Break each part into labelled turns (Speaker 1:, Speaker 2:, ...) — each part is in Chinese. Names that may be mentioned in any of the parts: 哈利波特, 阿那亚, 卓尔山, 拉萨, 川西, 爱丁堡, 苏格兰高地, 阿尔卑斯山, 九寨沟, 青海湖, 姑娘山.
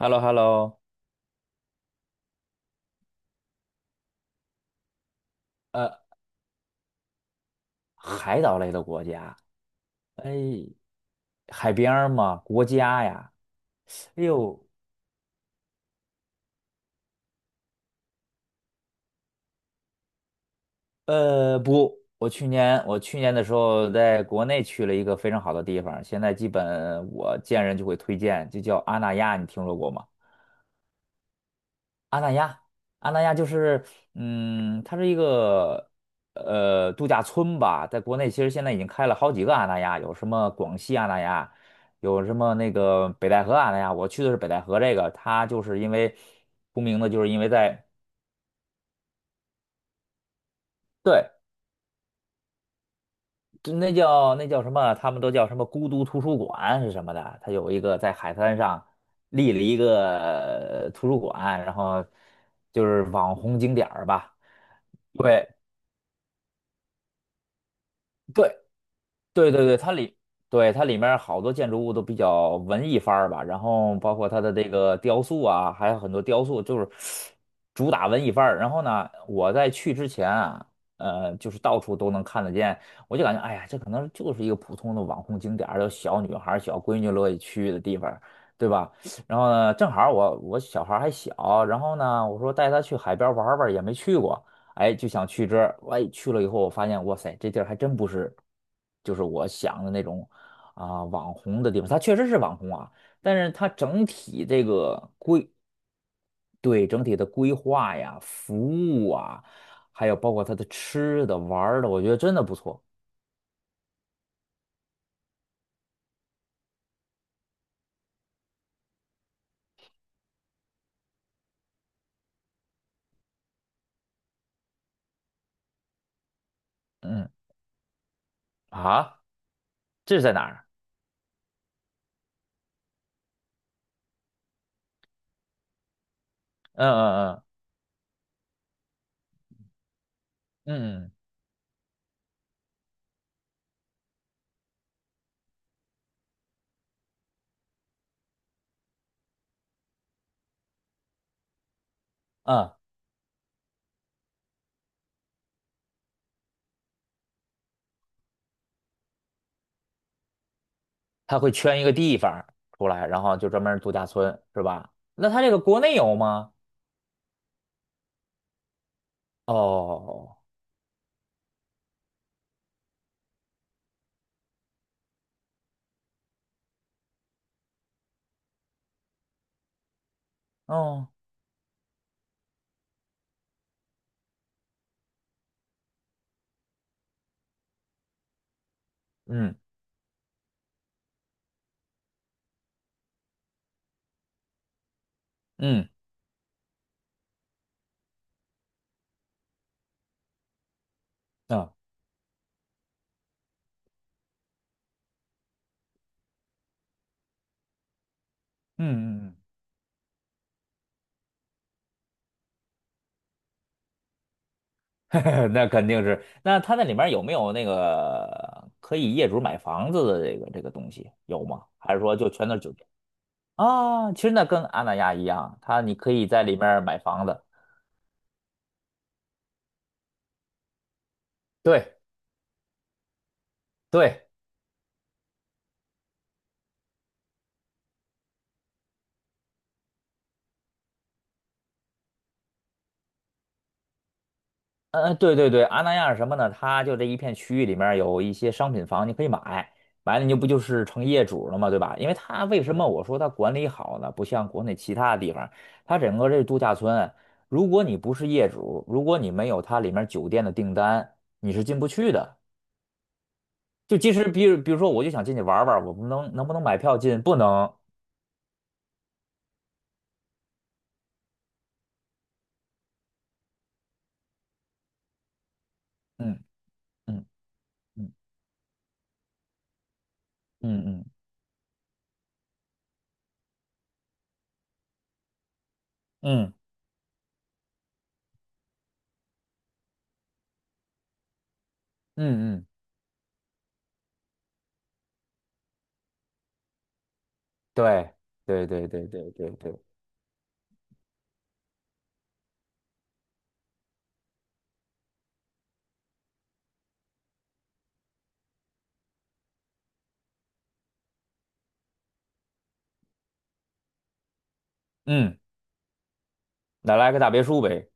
Speaker 1: h e l l o h e l l o。 呃，海岛类的国家，哎，海边儿嘛，国家呀，哎呦，不，我去年的时候在国内去了一个非常好的地方，现在基本我见人就会推荐，就叫阿那亚，你听说过吗？阿那亚，阿那亚就是，它是一个度假村吧，在国内其实现在已经开了好几个阿那亚，有什么广西阿那亚，有什么那个北戴河阿那亚，我去的是北戴河这个，它就是因为出名的，就是因为在。对，就那叫什么，他们都叫什么孤独图书馆是什么的，它有一个在海滩上立了一个图书馆，然后就是网红景点儿吧。对。对，对对对，对，它里面好多建筑物都比较文艺范儿吧，然后包括它的这个雕塑啊，还有很多雕塑就是主打文艺范儿。然后呢，我在去之前啊，就是到处都能看得见，我就感觉哎呀，这可能就是一个普通的网红景点儿，有小女孩儿小闺女乐意去的地方，对吧？然后呢，正好我小孩儿还小，然后呢，我说带她去海边玩儿玩儿也没去过。哎，就想去这儿。哎，去了以后，我发现，哇塞，这地儿还真不是，就是我想的那种啊、网红的地方。它确实是网红啊，但是它整体这个规，对，整体的规划呀、服务啊，还有包括它的吃的、玩儿的，我觉得真的不错。嗯，啊，这是在哪儿？嗯嗯嗯嗯嗯，他会圈一个地方出来，然后就专门儿度假村，是吧？那他这个国内有吗？哦哦，哦哦嗯嗯。啊，嗯嗯嗯，那肯定是。那它那里面有没有那个可以业主买房子的这个这个东西有吗？还是说就全都是酒店啊？其实那跟阿那亚一样，它你可以在里面买房子。对对，嗯，对对对，阿那亚是什么呢？它就这一片区域里面儿有一些商品房，你可以买，买了你就不就是成业主了吗？对吧？因为它为什么我说它管理好呢？不像国内其他地方，它整个这度假村，如果你不是业主，如果你没有它里面酒店的订单，你是进不去的。就即使比如说，我就想进去玩儿玩儿我不能能不能买票进？不能。嗯嗯嗯嗯嗯嗯嗯嗯，对对对对对对对，嗯，那来个大别墅呗。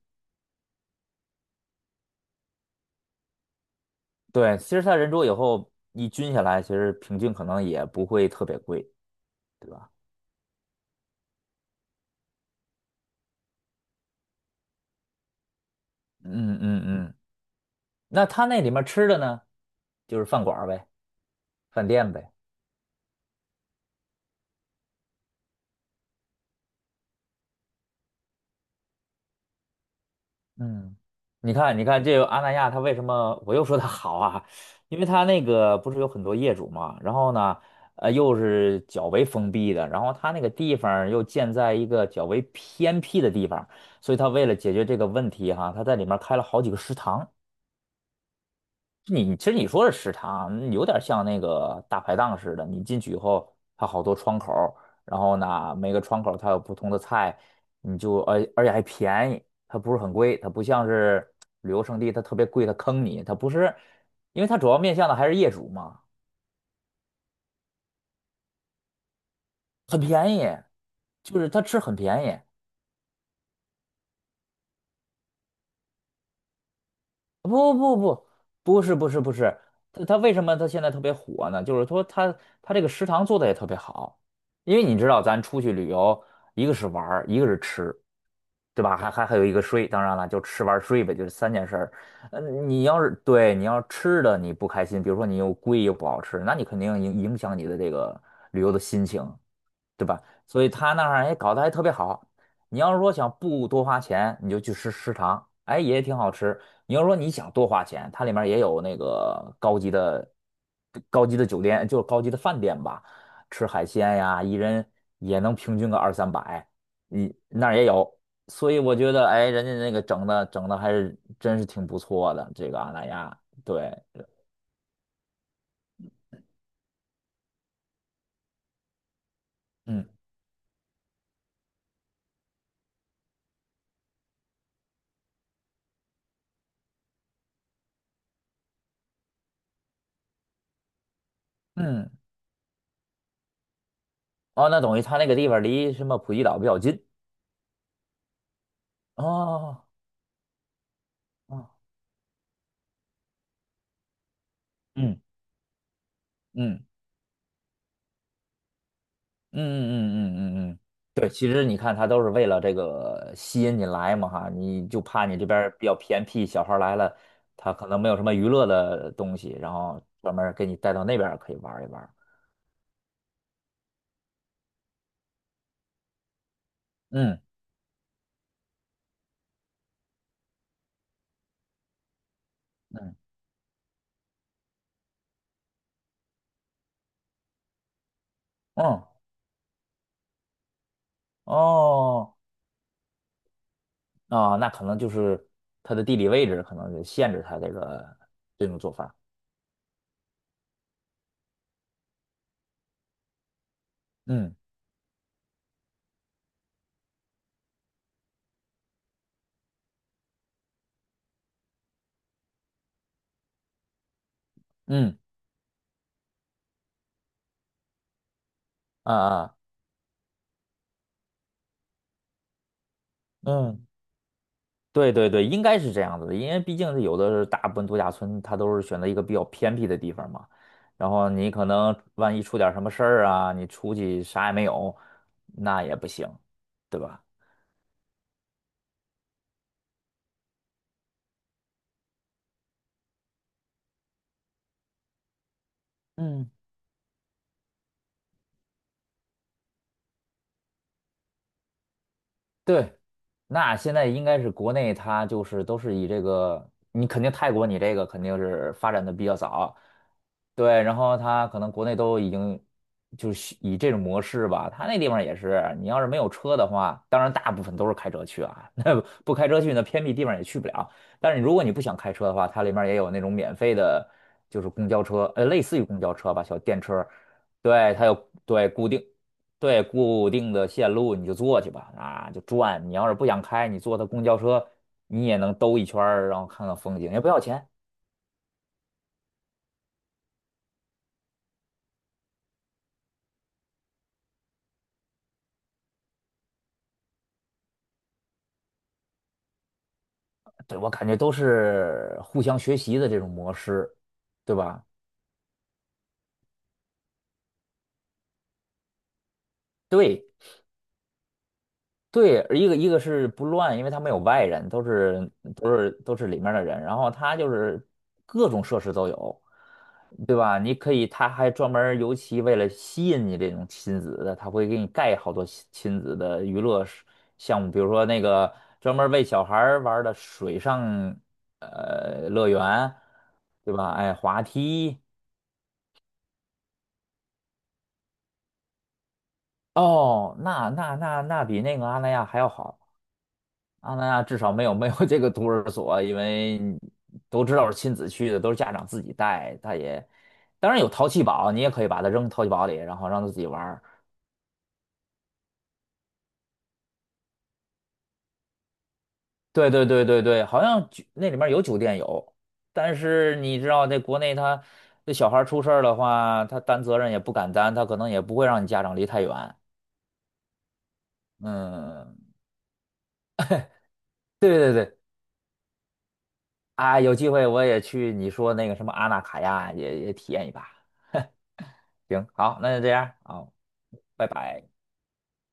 Speaker 1: 对，其实它人多以后一均下来，其实平均可能也不会特别贵，对吧？嗯嗯嗯。那它那里面吃的呢，就是饭馆儿呗，饭店呗。嗯，你看，你看这个阿那亚，它为什么我又说它好啊？因为它那个不是有很多业主嘛，然后呢，又是较为封闭的，然后它那个地方儿又建在一个较为偏僻的地方，所以它为了解决这个问题哈，它在里面开了好几个食堂。你其实你说的食堂有点像那个大排档似的，你进去以后，它好多窗口儿然后呢，每个窗口儿它有不同的菜，你就而且还便宜，它不是很贵，它不像是旅游胜地，它特别贵，它坑你，它不是，因为它主要面向的还是业主嘛，很便宜，就是它吃很便宜，不不不，不是不是不是，他为什么他现在特别火呢？就是说他这个食堂做的也特别好，因为你知道咱出去旅游，一个是玩儿，一个是吃，对吧？还有一个睡，当然了，就吃玩儿睡呗，就是三件事儿。你要是吃的你不开心，比如说你又贵又不好吃，那你肯定影响你的这个旅游的心情。对吧？所以他那儿哎搞得还特别好。你要是说想不多花钱，你就去吃食堂，哎也挺好吃。你要说你想多花钱，它里面也有那个高级的、酒店，就是高级的饭店吧，吃海鲜呀，一人也能平均个二三百，你那儿也有。所以我觉得，哎，人家那个整的还是真是挺不错的，这个阿那亚，对，嗯嗯，哦，那等于他那个地方离什么普吉岛比较近哦。哦嗯。嗯嗯嗯嗯嗯嗯嗯，对，其实你看，他都是为了这个吸引你来嘛哈，你就怕你这边儿比较偏僻，小孩儿来了，他可能没有什么娱乐的东西，然后专门儿给你带到那边儿可以玩儿一玩儿嗯嗯嗯哦哦，啊那可能就是他的地理位置可能就限制他这个这种做法。嗯嗯啊啊嗯。对对对，应该是这样子的，因为毕竟是有的是大部分度假村，它都是选择一个比较偏僻的地方嘛。然后你可能万一出点儿什么事儿啊，你出去啥也没有，那也不行，对吧？嗯。对，那现在应该是国内它就是都是以这个，你肯定泰国你这个肯定是发展的比较早，对，然后它可能国内都已经就是以这种模式吧，它那地方也是，你要是没有车的话，当然大部分都是开车去啊，那不开车去那偏僻地方也去不了。但是如果你不想开车的话，它里面也有那种免费的，就是公交车，类似于公交车吧，小电车，对，它有对固定。对，固定的线路你就坐去吧，啊，就转。你要是不想开，你坐他公交车，你也能兜一圈儿然后看看风景，也不要钱。对，我感觉都是互相学习的这种模式，对吧？对，对，一个是不乱，因为他没有外人，都是里面的人。然后他就是各种设施都有，对吧？你可以，他还专门儿尤其为了吸引你这种亲子的，他会给你盖好多亲子的娱乐是项目，比如说那个专门儿为小孩儿玩儿的水上乐园，对吧？哎，滑梯哦，那比那个阿那亚还要好。阿那亚至少没有这个托儿所，因为都知道是亲子去的，都是家长自己带。他也当然有淘气堡，你也可以把它扔淘气堡里，然后让他自己玩儿。对对对对对，好像那里面有酒店有，但是你知道，在国内他那小孩儿出事儿的话，他担责任也不敢担，他可能也不会让你家长离太远。嗯，对对对，啊，有机会我也去你说那个什么阿纳卡亚也体验一把。行，好，那就这样啊，好拜拜。